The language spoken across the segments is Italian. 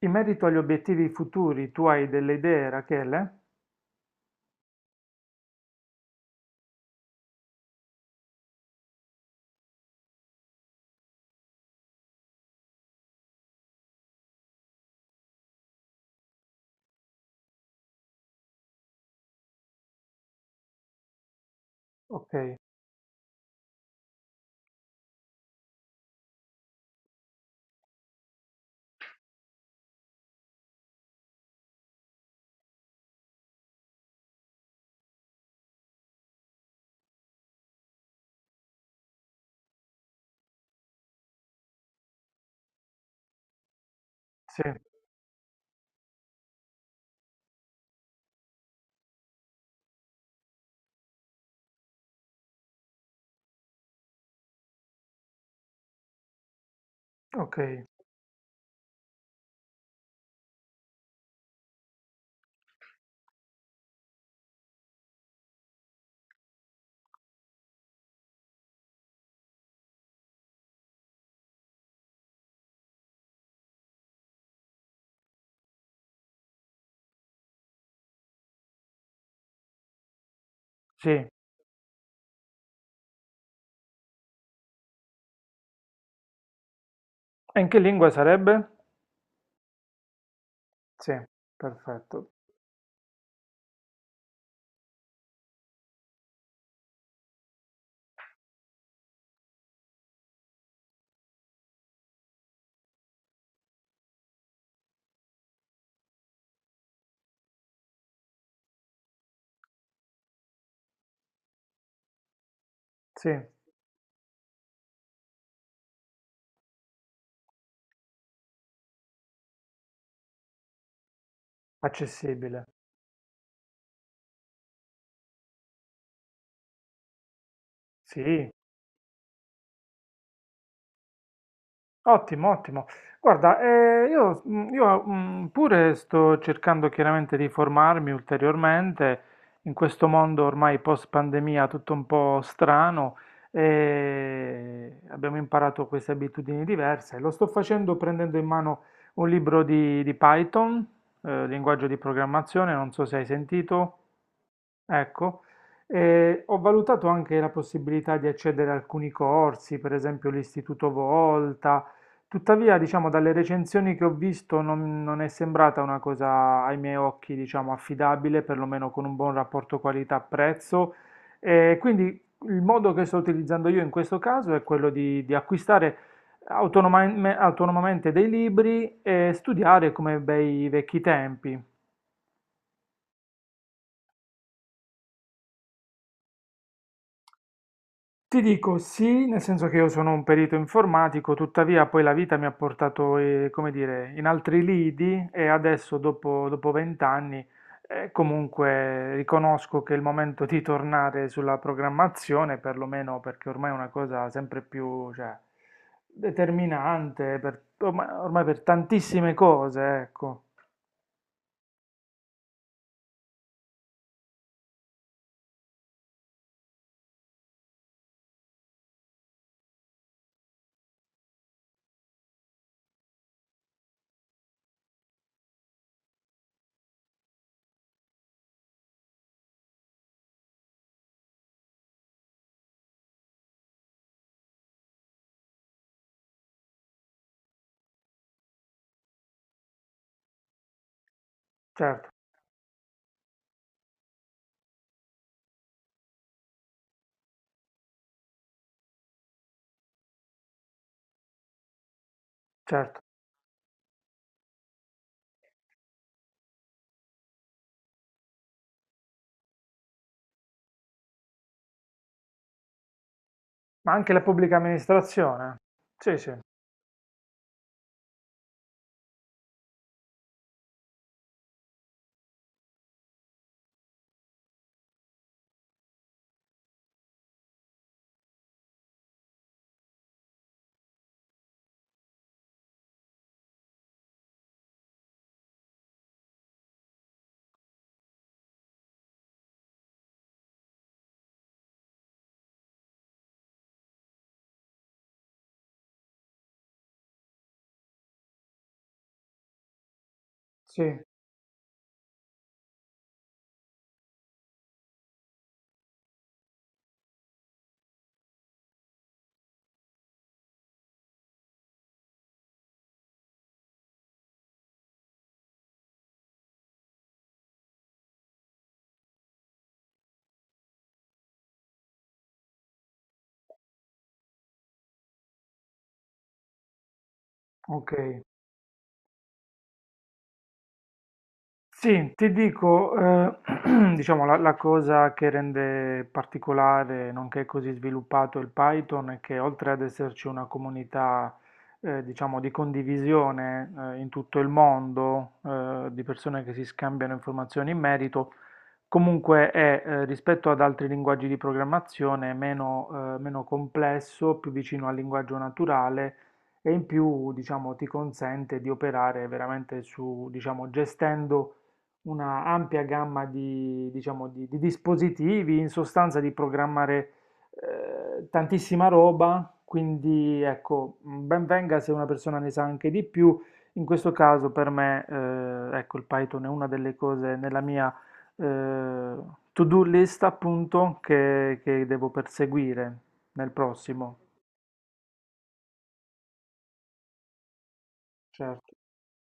In merito agli obiettivi futuri, tu hai delle idee, Rachele? Ok, sì, ok, sì. E in che lingua sarebbe? Sì, perfetto. Sì, accessibile. Sì, ottimo, ottimo. Guarda, io, pure sto cercando chiaramente di formarmi ulteriormente in questo mondo ormai post-pandemia tutto un po' strano e abbiamo imparato queste abitudini diverse. Lo sto facendo prendendo in mano un libro di Python, linguaggio di programmazione, non so se hai sentito. Ecco, ho valutato anche la possibilità di accedere a alcuni corsi, per esempio l'Istituto Volta, tuttavia, diciamo, dalle recensioni che ho visto non è sembrata una cosa ai miei occhi, diciamo, affidabile, perlomeno con un buon rapporto qualità-prezzo. E quindi il modo che sto utilizzando io in questo caso è quello di acquistare autonomamente dei libri e studiare come bei vecchi tempi. Ti dico sì, nel senso che io sono un perito informatico, tuttavia poi la vita mi ha portato, come dire, in altri lidi e adesso dopo vent'anni comunque riconosco che è il momento di tornare sulla programmazione, perlomeno perché ormai è una cosa sempre più, cioè, determinante per, ormai per tantissime cose, ecco, certo, certo, ma anche la pubblica amministrazione. Sì, sì, sì, ok. Sì, ti dico, diciamo, la cosa che rende particolare, nonché così sviluppato il Python, è che oltre ad esserci una comunità, diciamo, di condivisione, in tutto il mondo, di persone che si scambiano informazioni in merito. Comunque è, rispetto ad altri linguaggi di programmazione, meno complesso, più vicino al linguaggio naturale e in più, diciamo, ti consente di operare veramente su, diciamo, gestendo una ampia gamma di, diciamo, di dispositivi, in sostanza di programmare tantissima roba, quindi ecco, ben venga se una persona ne sa anche di più. In questo caso per me, ecco, il Python è una delle cose nella mia eh, to-do list appunto che, devo perseguire nel prossimo. Certo.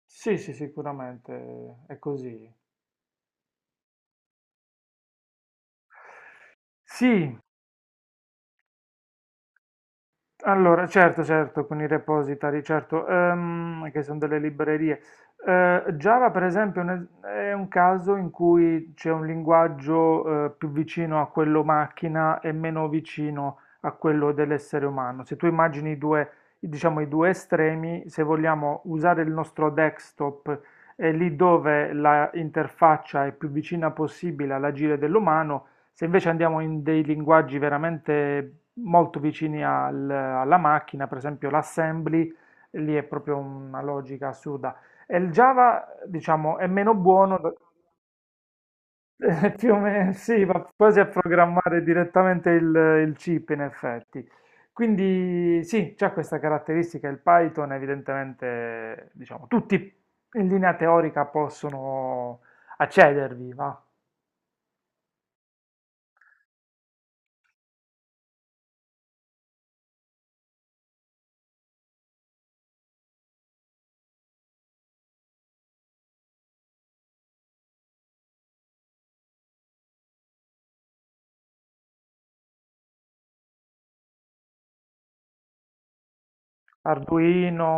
Sì, sì, sicuramente è così. Sì, allora, certo, certo, con i repository, certo, che sono delle librerie. Java, per esempio, è è un caso in cui c'è un linguaggio, più vicino a quello macchina e meno vicino a quello dell'essere umano. Se tu immagini diciamo, i due estremi, se vogliamo usare il nostro desktop, è lì dove la interfaccia è più vicina possibile all'agire dell'umano. Se invece andiamo in dei linguaggi veramente molto vicini alla macchina, per esempio l'assembly, lì è proprio una logica assurda. E il Java, diciamo, è meno buono, più o meno, sì, va quasi a programmare direttamente il chip in effetti. Quindi sì, c'è questa caratteristica, il Python evidentemente, diciamo, tutti in linea teorica possono accedervi, va? Arduino,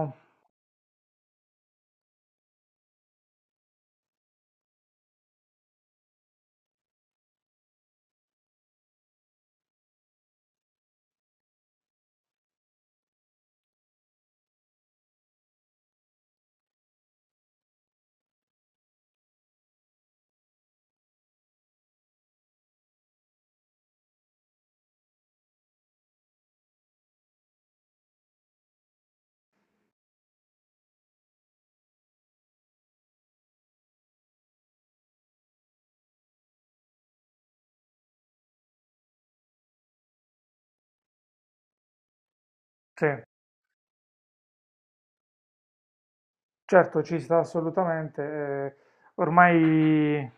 sì. Certo, ci sta assolutamente. Ormai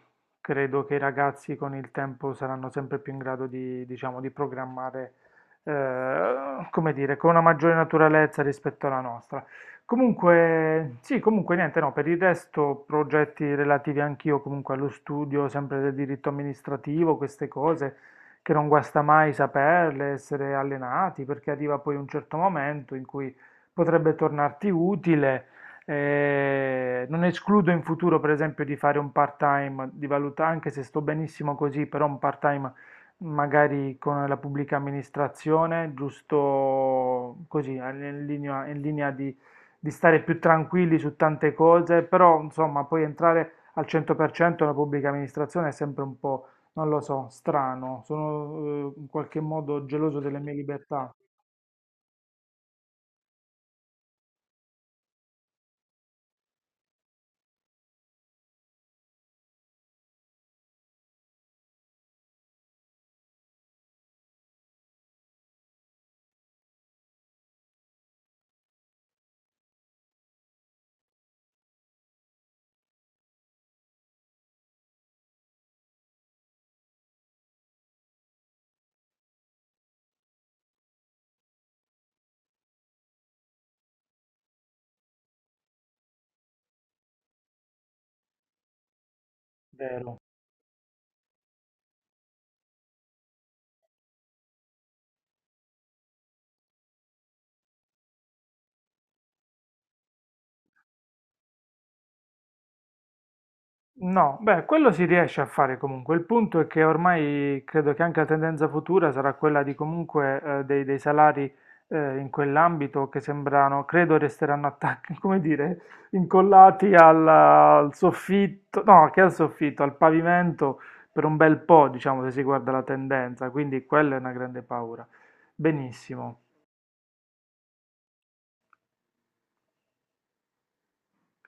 credo che i ragazzi con il tempo saranno sempre più in grado di, diciamo, di programmare, come dire, con una maggiore naturalezza rispetto alla nostra. Comunque, sì, comunque niente, no, per il resto progetti relativi anch'io comunque allo studio, sempre del diritto amministrativo, queste cose che non guasta mai saperle, essere allenati, perché arriva poi un certo momento in cui potrebbe tornarti utile. Non escludo in futuro, per esempio, di fare un part-time, di valutare, anche se sto benissimo così, però un part-time magari con la pubblica amministrazione, giusto così, in linea di, stare più tranquilli su tante cose, però insomma, poi entrare al 100% nella pubblica amministrazione è sempre un po', non lo so, strano, sono in qualche modo geloso delle mie libertà, vero? No, beh, quello si riesce a fare comunque. Il punto è che ormai credo che anche la tendenza futura sarà quella di comunque dei salari in quell'ambito che sembrano, credo resteranno attacchi, come dire, incollati al soffitto, no, che al soffitto, al pavimento per un bel po', diciamo, se si guarda la tendenza. Quindi quella è una grande paura. Benissimo.